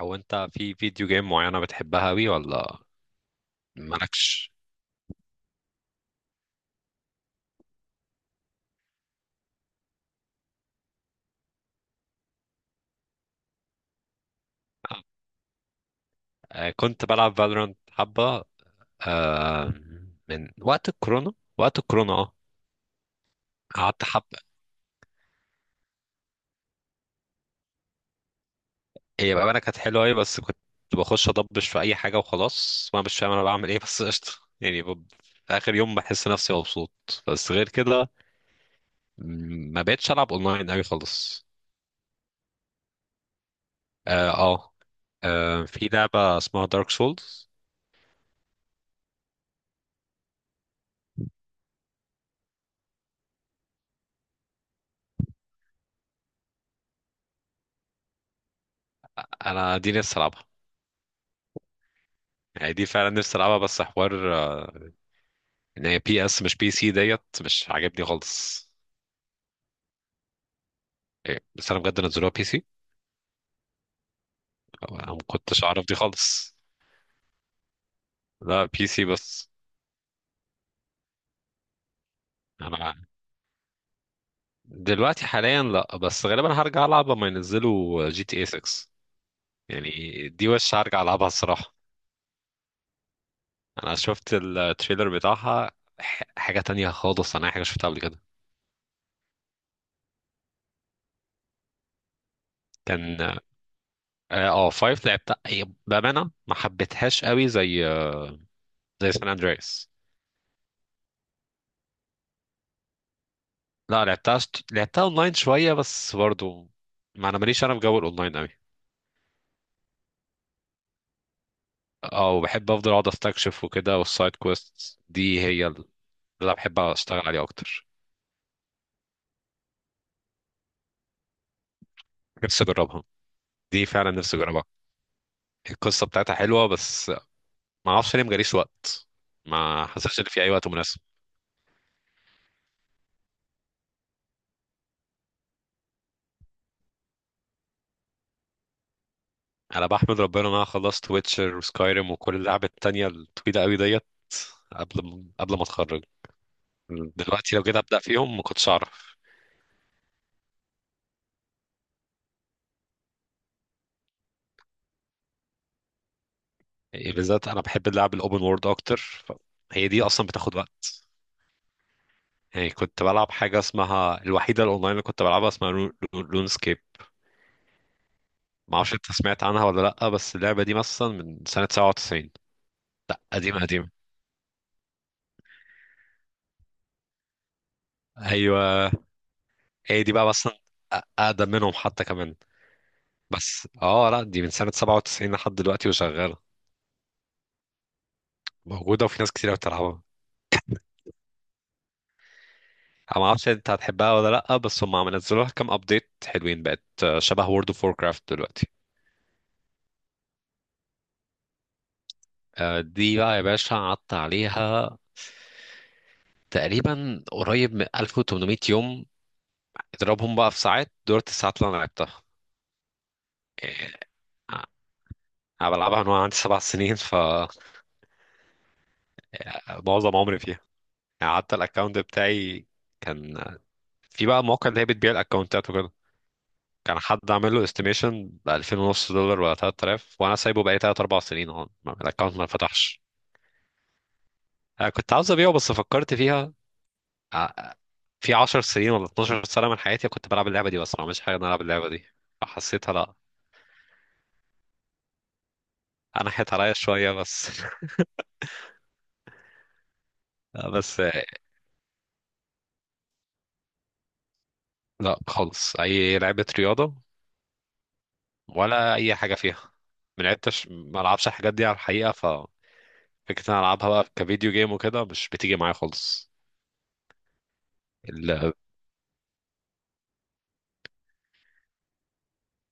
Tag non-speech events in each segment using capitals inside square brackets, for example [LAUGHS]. او انت في فيديو جيم معينة بتحبها اوي ولا مالكش؟ كنت بلعب فالورانت حبة، آه من وقت الكورونا. وقت الكورونا اه قعدت حبة. هي بقى انا كانت حلوة اوي، بس كنت بخش اضبش في اي حاجة وخلاص وانا مش فاهم انا بعمل ايه [LAUGHS] بس قشطة. يعني ب- في اخر يوم بحس نفسي مبسوط. بس غير كده ما بقتش العب اونلاين اوي خالص. اه اه في لعبة اسمها دارك سولز. انا دي نفسي العبها، يعني دي فعلا نفسي العبها، بس حوار ان هي بي اس مش بي سي ديت، مش عاجبني خالص. بس انا بجد نزلوها بي سي؟ انا ما كنتش اعرف دي خالص. لا بي سي بس. انا دلوقتي حاليا لا، بس غالبا هرجع العب لما ينزلوا جي تي اي 6. يعني دي وش هرجع العبها الصراحه. انا شفت التريلر بتاعها، حاجه تانية خالص، انا أي حاجه شفتها قبل كده. كان اه 5 لعبتها، هي بامانه ما حبيتهاش قوي زي زي سان اندريس. لا لعبتها اونلاين شويه بس برضو. ما انا ماليش انا في جو الاونلاين قوي. اه وبحب افضل اقعد استكشف وكده، والسايد كويست دي هي اللي انا بحب اشتغل عليها اكتر. نفسي اجربها، دي فعلا نفسي اجربها. القصه بتاعتها حلوه، بس ما اعرفش ليه مجاليش وقت، ما حسيتش ان في اي وقت مناسب. انا بحمد ربنا ان انا خلصت ويتشر وسكايريم وكل اللعب التانية الطويله قوي ديت قبل ما اتخرج. دلوقتي لو جيت ابدا فيهم ما كنتش اعرف. يعني بالذات انا بحب اللعب الاوبن وورد اكتر، هي دي اصلا بتاخد وقت. يعني كنت بلعب حاجه اسمها، الوحيده الاونلاين اللي كنت بلعبها اسمها لون سكيب. ما اعرفش انت سمعت عنها ولا لا، بس اللعبه دي مثلا من سنه 97. لا قديمه قديمه، ايوه. هي دي بقى مثلا، اقدم منهم حتى كمان. بس اه لا، دي من سنه 97 لحد دلوقتي وشغاله. موجوده وفي ناس كتير بتلعبها. انا ما اعرفش انت هتحبها ولا لا، بس هم عم نزلوا لها كام ابديت حلوين، بقت شبه وورد اوف ووركرافت دلوقتي. دي بقى يا باشا قعدت عليها تقريبا قريب من 1800 يوم. اضربهم بقى في ساعات دولت الساعات اللي انا لعبتها. يعني انا بلعبها من وانا عندي 7 سنين، فمعظم عمري فيها. يعني حتى الاكونت بتاعي كان، في بقى مواقع اللي هي بتبيع الاكونتات وكده، كان حد عامل له استيميشن ب 2000 ونص دولار ولا 3000، وانا سايبه بقالي 3 4 سنين اهو، الاكونت ما فتحش. أنا كنت عاوز ابيعه بس فكرت فيها، آه، في 10 سنين ولا 12 سنة من حياتي كنت بلعب اللعبة دي بس ما عملتش حاجة إن أنا ألعب اللعبة دي، فحسيتها لأ. أنا حيت عليا شوية بس. [LAUGHS] لا، بس لأ خالص أي لعبة رياضة، ولا أي حاجة فيها. ما لعبتش، ما ألعبش الحاجات دي على الحقيقة، ففكرة إن أنا ألعبها بقى كفيديو جيم وكده مش بتيجي معايا خالص. ال-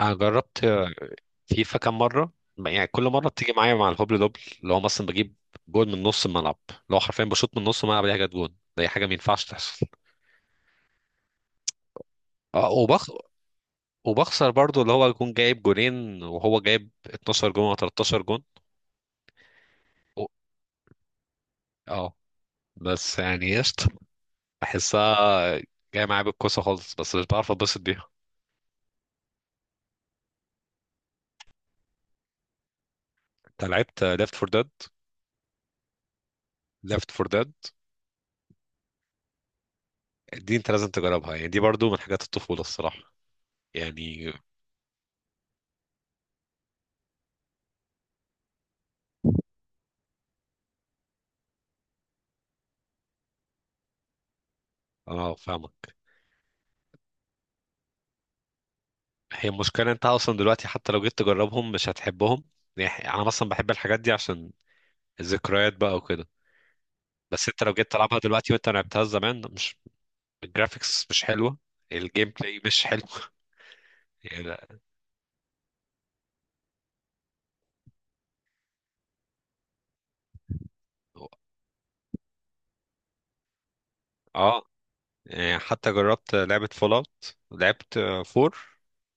أنا جربت فيفا كام مرة، يعني كل مرة بتيجي معايا مع الهبل دبل، اللي هو مثلا بجيب جول من نص الملعب، اللي هو حرفيا بشوط من نص الملعب، دي حاجة، جول دي حاجة ما ينفعش تحصل. اه وبخ... وبخسر برضو، اللي هو يكون جايب جونين وهو جايب 12 جون او 13 جون. و- اه بس يعني قشطة، بحسها جاية معايا بالكوسة خالص، بس مش بعرف اتبسط بيها. انت لعبت ليفت فور ديد؟ ليفت فور ديد، دي انت لازم تجربها، يعني دي برضو من حاجات الطفولة الصراحة. يعني انا فاهمك. هي المشكلة انت اصلا دلوقتي حتى لو جيت تجربهم مش هتحبهم. يعني انا مثلا بحب الحاجات دي عشان الذكريات بقى وكده، بس انت لو جيت تلعبها دلوقتي وانت لعبتها زمان مش، الجرافيكس مش حلوه، الجيم بلاي مش حلو. [LAUGHS] يعني لا. اه يعني حتى جربت لعبه فول اوت، لعبت فور،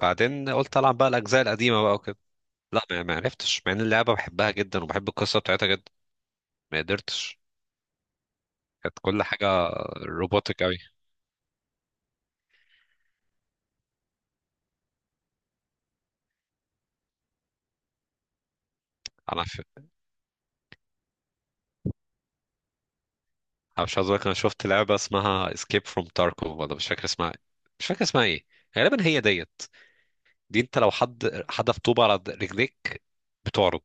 بعدين قلت العب بقى الاجزاء القديمه بقى وكده. لا ما عرفتش، مع ان اللعبه بحبها جدا وبحب القصه بتاعتها جدا، ما قدرتش. كانت كل حاجه روبوتك قوي. انا ف... أنا مش عايز اقول، انا شفت لعبه اسمها اسكيب فروم تاركو ولا مش فاكر اسمها، مش فاكر اسمها ايه، غالبا هي ديت. دي انت لو حد حدف طوبة على رجليك بتعرج.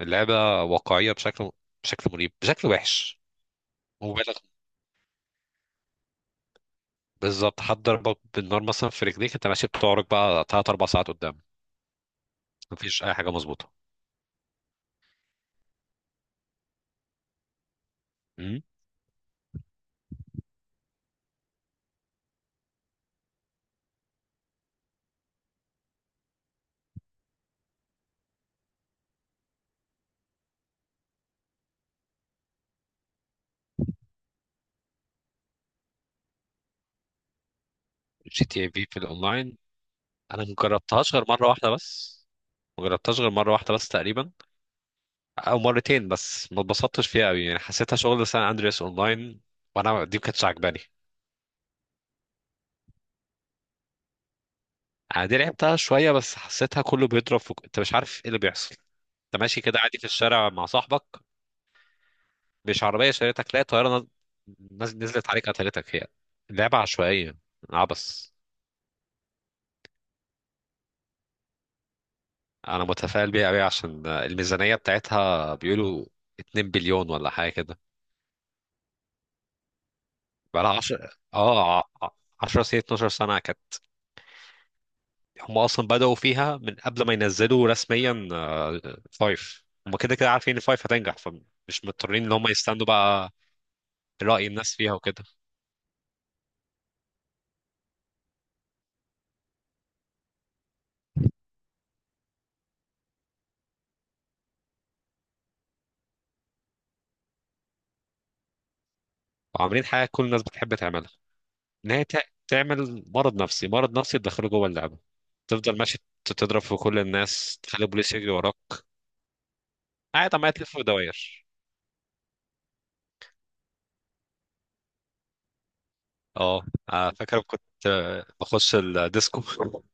اللعبة واقعية بشكل، بشكل مريب، بشكل وحش مبالغ. بالظبط، حد ضربك بالنار مثلا في رجليك انت ماشي بتعرج بقى تلات أربع ساعات قدام. مفيش أي حاجة مظبوطة. امم جي تي اي في في الأونلاين، أنا مجربتهاش غير مرة واحدة بس، مجربتهاش غير مرة واحدة بس تقريبا، أو مرتين بس، ما اتبسطتش فيها أوي، يعني حسيتها شغل سان أندرياس أونلاين، وأنا دي ما كانتش عجباني. أنا دي لعبتها شوية بس حسيتها كله بيضرب في... أنت مش عارف إيه اللي بيحصل. انت ماشي كده عادي في الشارع مع صاحبك، مش عربيه شريتك تلاقي طياره نزلت عليك قتلتك. هي لعبه عشوائيه، عبس. انا متفائل بيها قوي عشان الميزانيه بتاعتها بيقولوا 2 بليون ولا حاجه كده. بقالها 10 سنين 12 سنه كانت. هم اصلا بداوا فيها من قبل ما ينزلوا رسميا، فايف. هم كده كده عارفين ان فايف هتنجح، فمش مضطرين ان هم يستنوا بقى راي الناس فيها وكده. وعاملين حاجه كل الناس بتحب تعملها، ان هي تعمل مرض نفسي، مرض نفسي تدخله جوه اللعبه، تفضل ماشي، تضرب في كل الناس، تخلي البوليس يجري وراك، قاعد عمال تلف في دواير. اه، فاكر كنت بخش الديسكو [LAUGHS]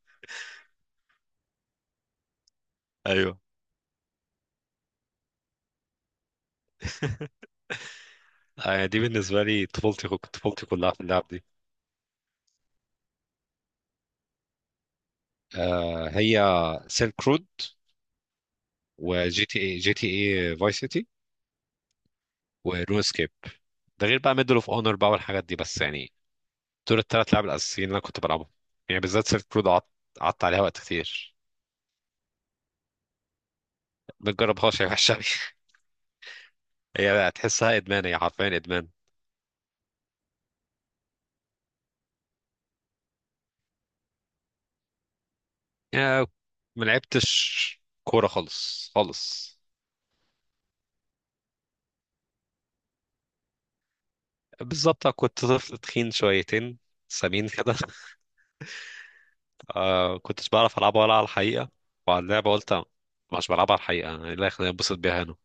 ايوه. يعني دي بالنسبه لي طفولتي، طفولتي كلها في اللعب دي. هي سيلك رود، وجي تي اي جي تي اي فاي سيتي، ونو اسكيب. ده غير بقى ميدل اوف اونر بقى والحاجات دي، بس يعني دول الثلاث لعب الاساسيين اللي انا كنت بلعبهم. يعني بالذات سيلك رود قعدت عليها وقت كتير. ما تجربهاش يا وحشه أوي. هي هتحسها ادمان، هي حرفيا ادمان. يا ما لعبتش كوره خالص خالص. بالظبط كنت طفل تخين شويتين، سمين كده. [LAUGHS] آه كنتش بعرف العبها ولا على الحقيقه، وعلى اللعبه قلت مش بلعبها على الحقيقه، إيه اللي يخليني انبسط بيها هنا.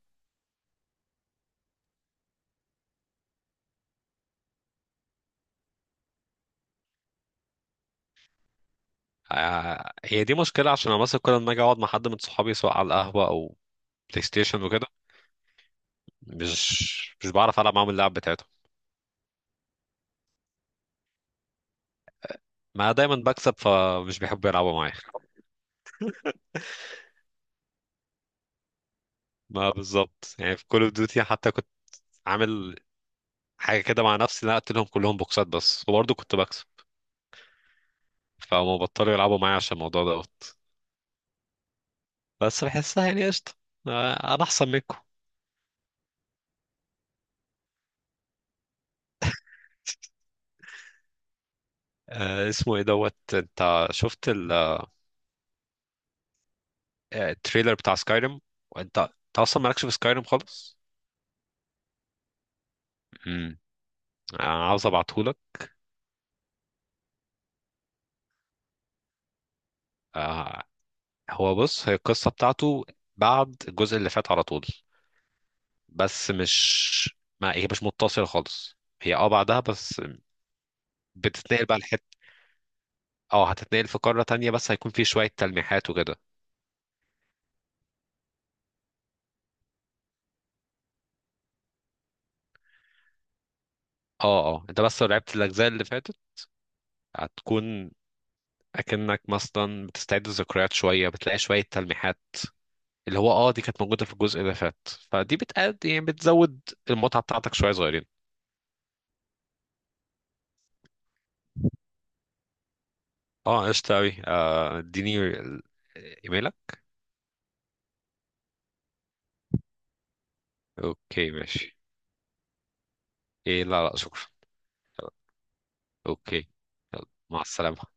آه، هي دي مشكله، عشان انا مثلا كل ما اجي اقعد مع حد من صحابي سواء على القهوه او بلاي ستيشن وكده، مش بعرف العب معاهم اللعب بتاعتهم. ما دايما بكسب فمش بيحبوا يلعبوا معايا. [LAUGHS] ما بالظبط، يعني في كول اوف ديوتي حتى كنت عامل حاجه كده مع نفسي، إن انا قلت لهم كلهم بوكسات بس، وبرضه كنت بكسب، فهم بطلوا يلعبوا معايا عشان الموضوع دوت. بس بحسها يعني قشطه، انا احسن منكم. اسمه ايه دوت، انت شفت التريلر بتاع سكايريم؟ وانت اصلا مالكش في سكايريم خالص. امم انا عاوز ابعتهولك. آه، هو بص، هي القصه بتاعته بعد الجزء اللي فات على طول، بس مش، ما هي مش متصله خالص، هي اه بعدها بس. بتتنقل بقى، اه هتتنقل في قارة تانية، بس هيكون في شوية تلميحات وكده. اه اه، انت بس لو لعبت الأجزاء اللي فاتت هتكون أكنك مثلا بتستعيد الذكريات شوية، بتلاقي شوية تلميحات اللي هو اه دي كانت موجودة في الجزء اللي فات، فدي بتقد يعني بتزود المتعة بتاعتك شوية صغيرين. اه قشطة أوي، اديني ايميلك. اوكي ماشي. ايه لا لا شكرا. اوكي. يلا، مع السلامة.